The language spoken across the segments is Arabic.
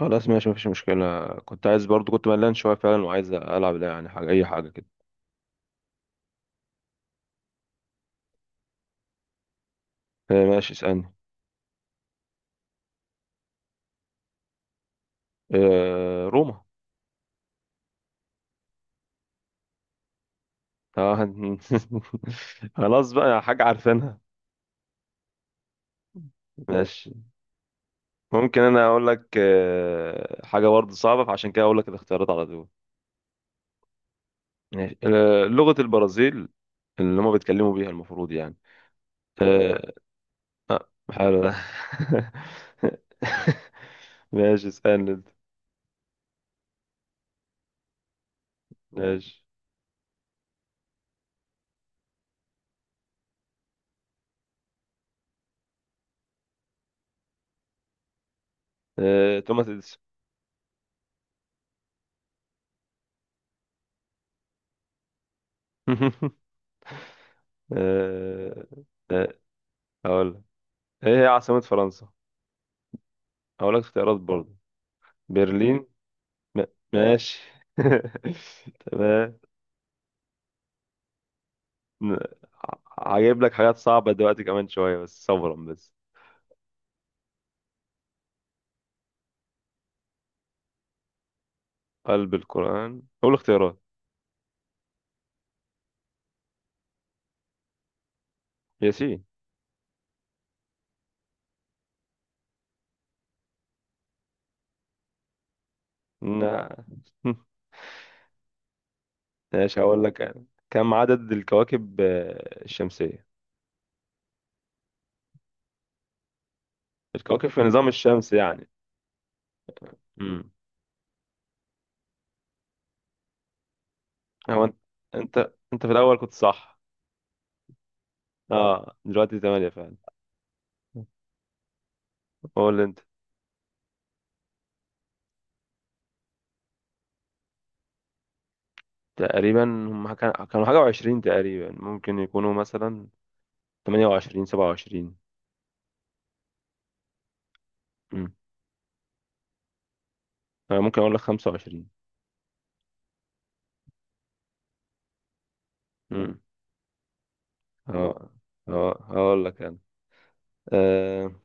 خلاص ماشي مفيش مشكلة. كنت عايز برضو، كنت ملان شوية فعلا وعايز ألعب، لا يعني حاجة أي حاجة كده. ماشي اسألني. روما. آه، هن- خلاص بقى، حاجة عارفينها. ماشي. ممكن أنا أقول لك حاجة برضه صعبة، فعشان كده أقول لك الاختيارات على طول. ماشي، لغة البرازيل اللي هما بيتكلموا بيها المفروض يعني. آه، حلو ده. ماشي، اسألني أنت. ماشي، توماس إديسون. آه، آه، اقول لك. ايه هي عاصمة فرنسا؟ اقول لك اختيارات برضه. برلين. م... ماشي. تمام. ن- هجيب لك حاجات صعبة دلوقتي كمان شوية، بس صبرا بس. قلب القرآن؟ قول اختيارات. ياسين. لا. ماشي، هقول لك أنا. كم عدد الكواكب الشمسية؟ الكواكب في النظام الشمسي يعني. امم هو انت، انت في الاول كنت صح. اه دلوقتي ثمانية فعلا. قول انت. تقريبا هم كانوا حاجة وعشرين تقريبا، ممكن يكونوا مثلا تمانية وعشرين، سبعة وعشرين. أمم. أنا ممكن أقول لك خمسة وعشرين. أمم. اه. اه هقول لك أنا. آه،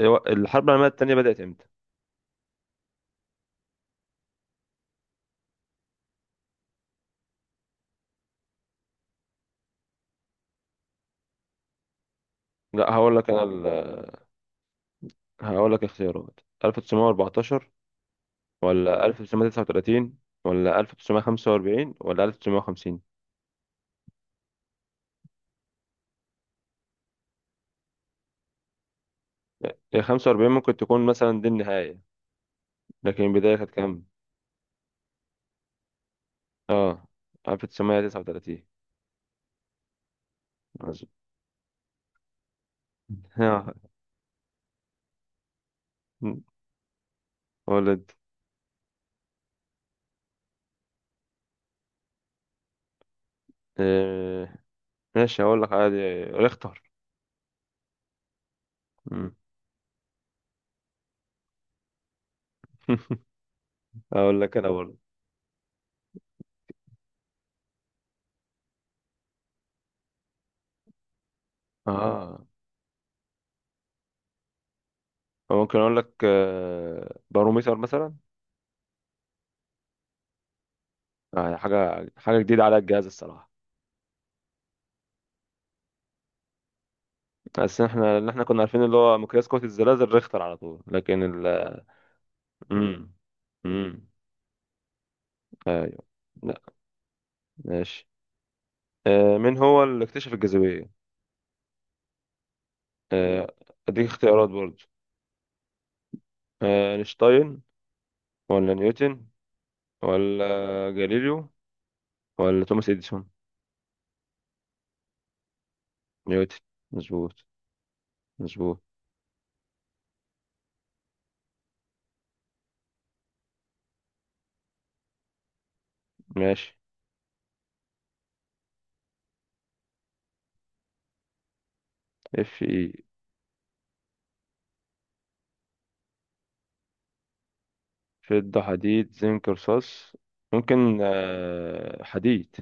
هو الحرب العالمية التانية بدأت إمتى؟ لا هقول لك أنا هقول لك اختيارات: 1914 ولا 1939 ولا 1945 ولا 1950؟ هي 45 ممكن تكون مثلا دي النهاية، لكن البداية كانت كام؟ اه، 1939. مظبوط. ولد. إيه. ماشي هقول لك عادي. اختار. مم. اقول لك انا برضه. اه ممكن اقول لك باروميتر مثلا. يعني حاجه جديده على الجهاز الصراحه. بس احنا اللي كنا عارفين اللي هو مقياس قوه الزلازل ريختر على طول، لكن ال... امم امم ايوه. لا. ماشي. مين هو اللي اكتشف الجاذبيه؟ آه، اديك اختيارات برضه: اينشتاين ولا نيوتن ولا جاليليو ولا توماس اديسون؟ نيوتن. مظبوط، مظبوط. ماشي. اف اي: فضة، حديد، زنك، رصاص. ممكن حديد.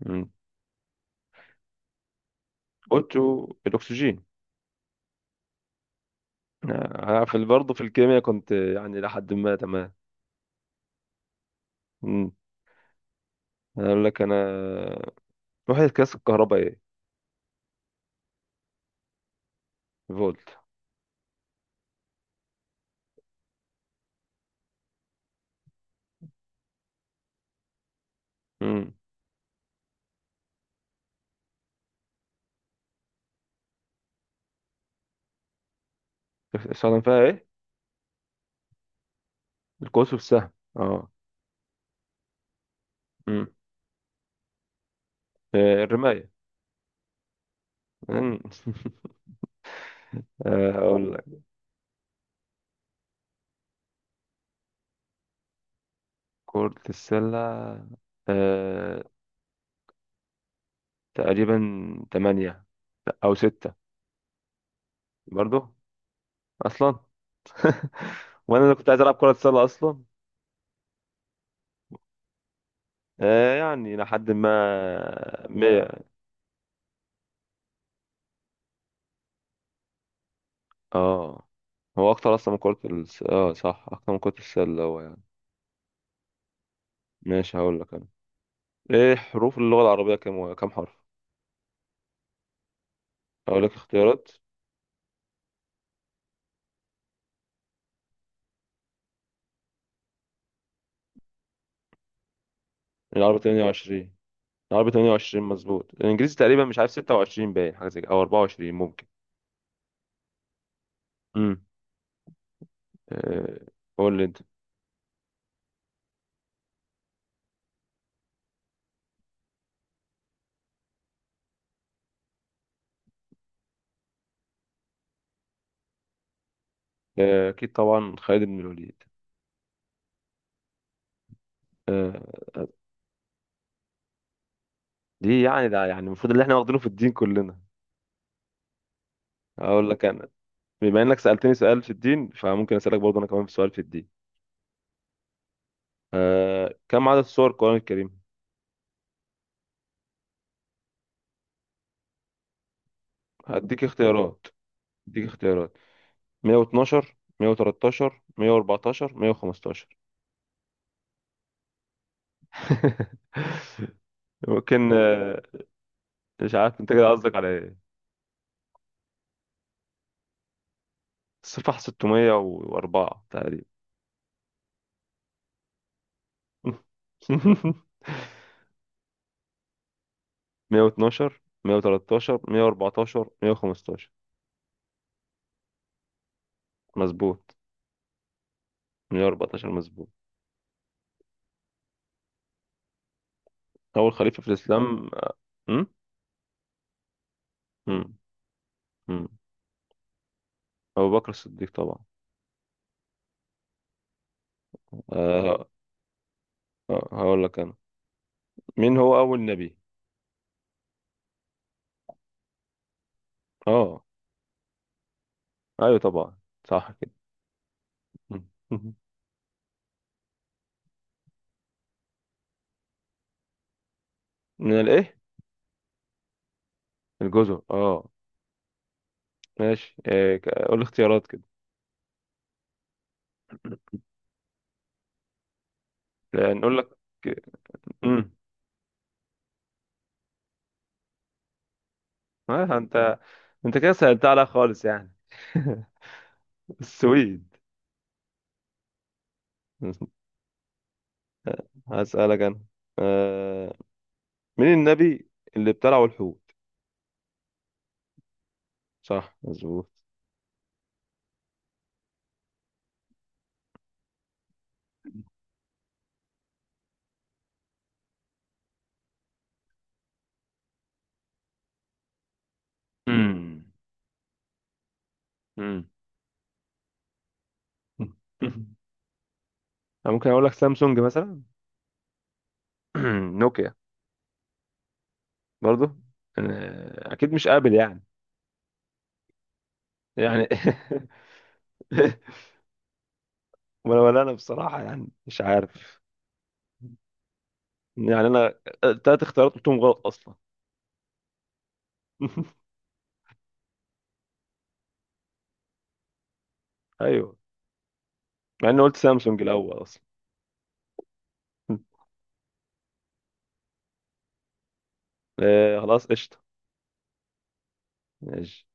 مم. اوتو الاكسجين. انا في برضه في الكيمياء كنت يعني لحد ما تمام. مم. انا اقول لك انا. وحدة قياس الكهرباء ايه؟ فولت. مم. استخدم فيها ايه؟ القوس والسهم. اه. مم. الرماية. مم. اقول لك. كرة السلة. آه، تقريبا تمانية او ستة. برضه اصلا. وانا اللي كنت عايز العب كرة سلة اصلا. آه يعني لحد ما مية. اه هو اكتر اصلا من اه صح، اكتر من كرة السلة هو يعني. ماشي هقول لك انا. ايه حروف اللغة العربية، كام حرف؟ هقول لك اختيارات. العربي 28. العربي 28 مظبوط. الانجليزي تقريبا مش عارف، 26 باين، حاجة زي كده او 24 ممكن. امم. آه. قول لي انت. اكيد طبعا خالد بن الوليد. آه دي يعني، ده يعني المفروض اللي احنا واخدينه في الدين كلنا. اقول لك انا. بما انك سألتني سؤال في الدين، فممكن اسألك برضه انا كمان في سؤال في الدين. آه، كم عدد سور القرآن الكريم؟ هديك اختيارات. هديك اختيارات: 112، 113، 114، 115. ممكن آه، مش عارف انت كده قصدك على ايه. الصفحة 604 تقريبا. 112، 113، 114، 115. مظبوط. 114 مظبوط. أول خليفة في الإسلام. أم؟ أم، أبو بكر الصديق طبعا. أه. هقول لك أنا. مين هو أول نبي؟ أه. أيوة طبعا، صح كده. من الإيه؟ الجزر. أه ماشي. قول اختيارات كده. لا، نقول لك. امم. أنت. أنت كده سألت عليها خالص يعني. السويد. هسألك أنا. أه. مين النبي اللي ابتلعه الحوت؟ صح، مظبوط. امم امم. أنا ممكن أقول لك سامسونج مثلا. نوكيا. برضه. اكيد مش قابل يعني. يعني. ولا انا بصراحه يعني مش عارف. يعني انا التلات اختيارات قلتهم غلط اصلا. ايوه. مع اني قلت سامسونج الاول اصلا. آه خلاص قشطه. ماشي.